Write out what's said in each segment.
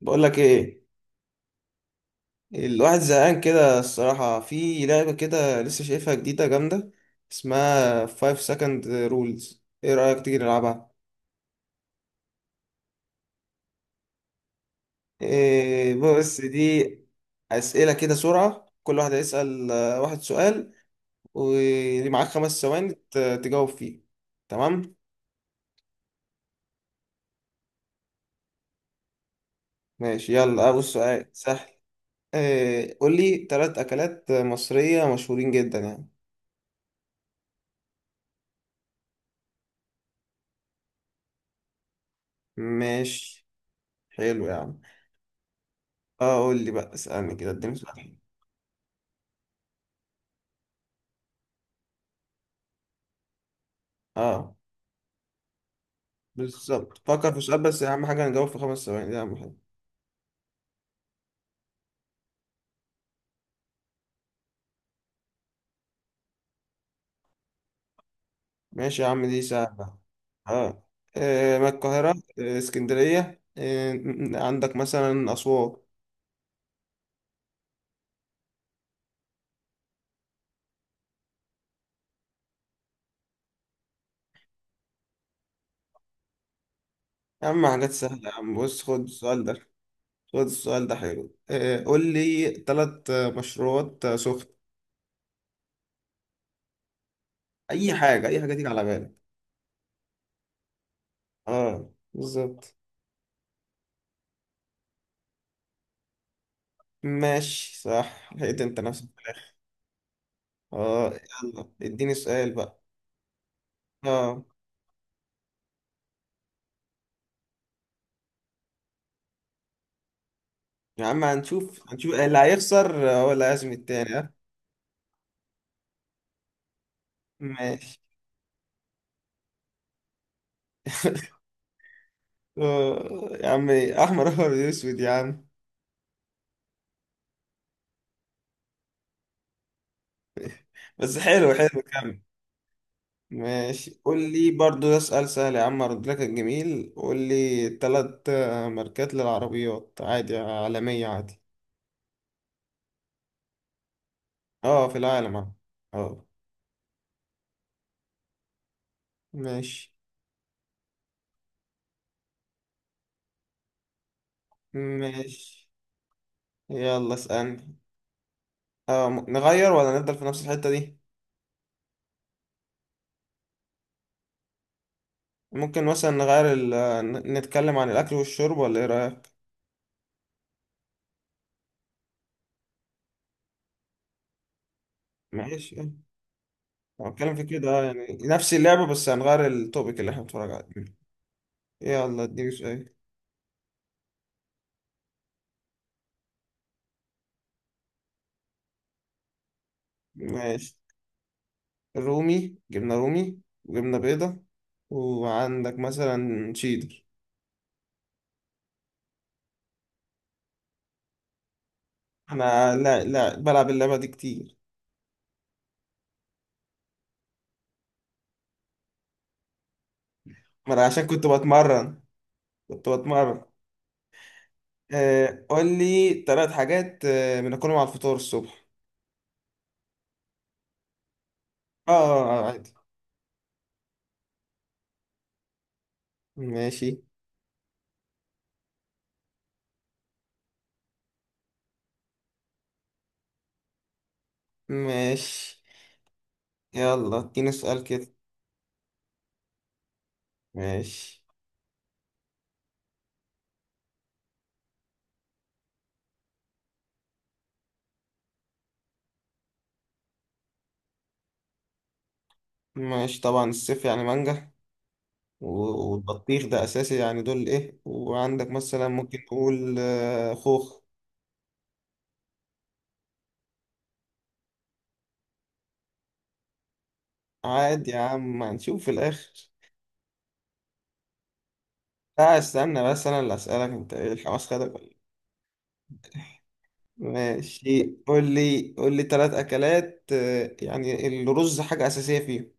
بقول لك ايه. الواحد زهقان كده الصراحة، في لعبة كده لسه شايفها جديدة جامدة، اسمها 5 second rules. ايه رأيك تيجي نلعبها؟ إيه، بص دي أسئلة كده سرعة. كل واحد هيسأل واحد سؤال. ومعاك خمس ثواني تجاوب فيه. تمام. ماشي، يلا أول سؤال سهل. إيه، قول لي تلات أكلات مصرية مشهورين جدا يعني. ماشي، حلو يا عم. اه، قول لي بقى، اسألني كده، اديني سؤال. اه بالظبط، فكر في سؤال، بس اهم حاجه نجاوب في خمس ثواني، دي اهم حاجه. ماشي يا عم، دي سهله. اه، ما القاهره. اسكندريه، عندك مثلا اسوان. يا عم حاجات سهله يا عم، بص خد السؤال ده. خد السؤال ده حلو. قول لي ثلاث مشروبات سخن. اي حاجه اي حاجه تيجي على بالك. اه بالظبط. ماشي صح، لقيت انت نفسك في الاخر. اه، يلا اديني سؤال بقى. اه يا عم، هنشوف هنشوف اللي هيخسر هو اللي هيعزم التاني. ماشي. يا عم احمر احمر اسود يا عم. بس حلو حلو كمل. ماشي، قول لي برضو ده سؤال سهل يا عم، ارد لك الجميل. قول لي تلات ماركات للعربيات عادي، عالمية عادي. اه في العالم اه. آه. ماشي. ماشي، يلا اسألني. اه، نغير ولا نفضل في نفس الحتة دي؟ ممكن مثلا نغير نتكلم عن الأكل والشرب، ولا ايه رأيك؟ ماشي، أنا بتكلم في كده، يعني نفس اللعبة بس هنغير التوبيك اللي احنا بنتفرج عليه. يلا اديني سؤال. ماشي، رومي جبنا رومي، وجبنا بيضة، وعندك مثلا شيدر. انا لا لا بلعب اللعبة دي كتير. ما انا عشان كنت بتمرن، كنت بتمرن. قول لي ثلاث حاجات بناكلهم على الفطار الصبح. اه، عادي. ماشي. ماشي، يلا اديني سؤال كده. ماشي. ماشي طبعا، الصيف يعني مانجا، والبطيخ ده اساسي، يعني دول ايه، وعندك مثلا ممكن نقول خوخ. عادي يا عم، هنشوف في الاخر. لا استنى بس، انا اللي اسالك انت، ايه الحماس خدك ولا إيه؟ ماشي، قول لي ثلاث اكلات، يعني الرز حاجه اساسيه فيهم.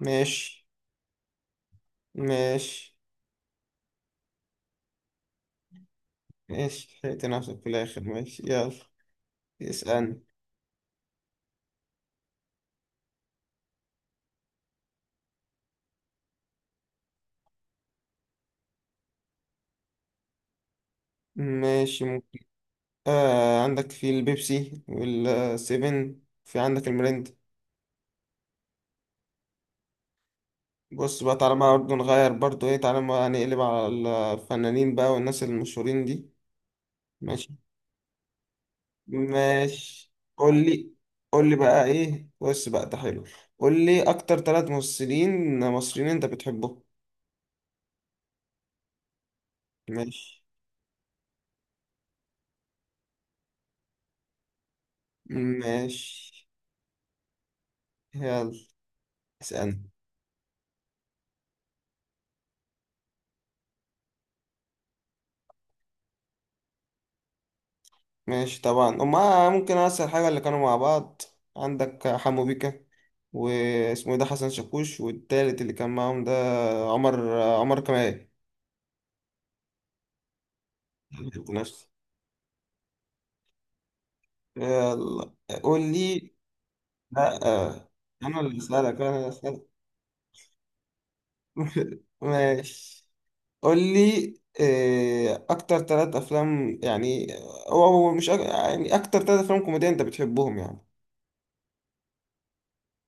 ماشي. ماشي. ماشي، لقيت نفسك في الاخر. ماشي، يلا اسالني. ماشي ممكن. عندك في البيبسي والسيفن، في عندك المرند. بص بقى، تعالى بقى برضه نغير، برضه ايه، تعالى بقى نقلب على الفنانين بقى والناس المشهورين دي. ماشي. ماشي، قول لي بقى ايه، بص بقى ده حلو. قول لي اكتر ثلاث ممثلين مصريين انت بتحبهم. ماشي. ماشي، يلا اسألني. ماشي طبعا، هما ممكن اسهل حاجة اللي كانوا مع بعض. عندك حمو بيكا، واسمه إيه ده حسن شاكوش، والتالت اللي كان معاهم ده عمر كمال. يلا قول لي. لا. انا اللي اسالك، انا اللي اسالك. ماشي، قول لي اكتر ثلاث افلام يعني. او أو مش أك... يعني اكتر ثلاث افلام كوميدية انت بتحبهم يعني.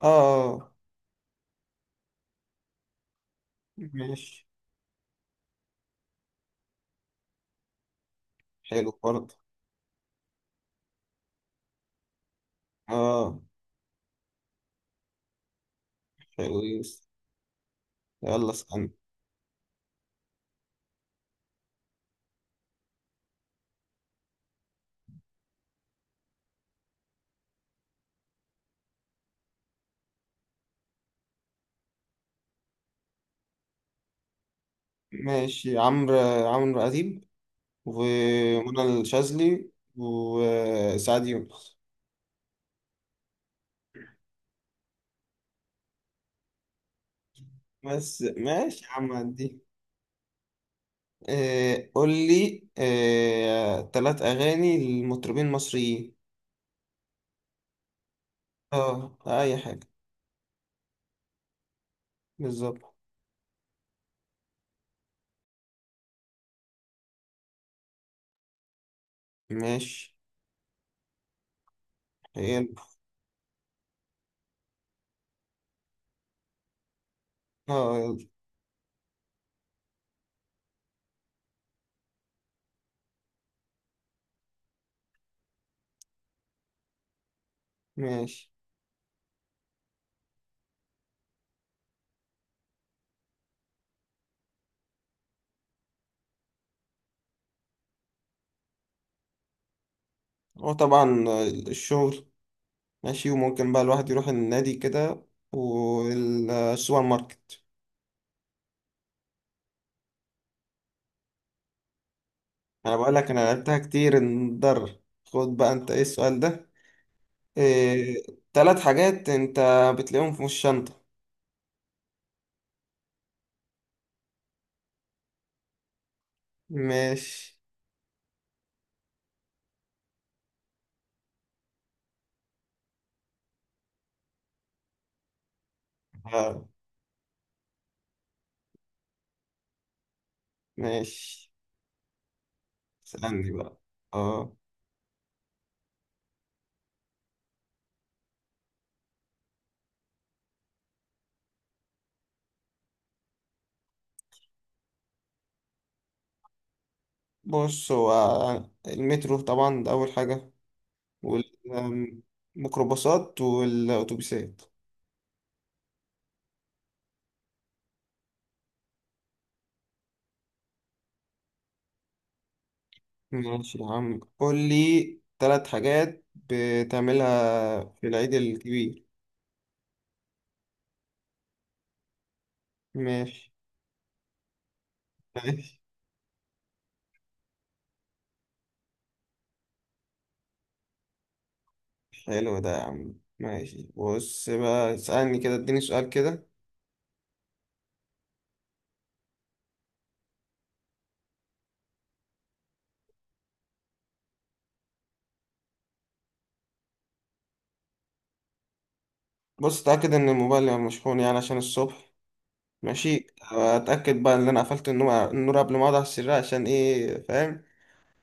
اه آه. ماشي، حلو برضه. اه، حلو يس. يلا اسأل. ماشي، عمرو اديب، ومنى الشاذلي، وسعد يونس. بس ماشي يا عم عدي. قول لي تلات أغاني لمطربين مصريين. اه أي حاجة. بالظبط. ماشي حلو. اه يلا. ماشي، هو طبعا الشغل. ماشي، وممكن بقى الواحد يروح النادي كده، والسوبر ماركت. أنا بقول لك أنا لعبتها كتير نضر. خد بقى أنت إيه السؤال ده. إيه تلات حاجات أنت بتلاقيهم في الشنطة. ماشي. اه. ماشي، اسألني بقى. اه بص، هو المترو طبعا ده أول حاجة، والميكروباصات والأتوبيسات. ماشي يا عم، قول لي تلات حاجات بتعملها في العيد الكبير. ماشي. ماشي، حلو ده يا عم. ماشي، بص بقى اسألني كده، اديني سؤال كده. بص اتأكد ان الموبايل يبقى مشحون يعني عشان الصبح. ماشي. اتأكد بقى ان انا قفلت النور قبل ما اقعد على السرير عشان ايه فاهم.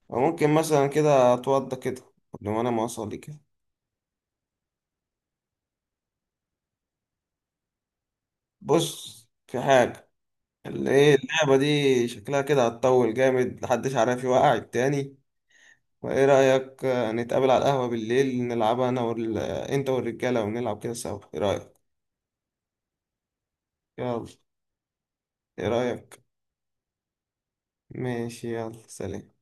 وممكن مثلا كده اتوضى كده قبل ما انا ما اصلي كده. بص في حاجة، اللي ايه اللعبة دي شكلها كده هتطول جامد، محدش عارف يوقع التاني. فايه رأيك نتقابل على القهوة بالليل نلعبها انا انت والرجالة، ونلعب كده سوا، ايه رأيك؟ يلا. ايه رأيك. ماشي يلا سلام.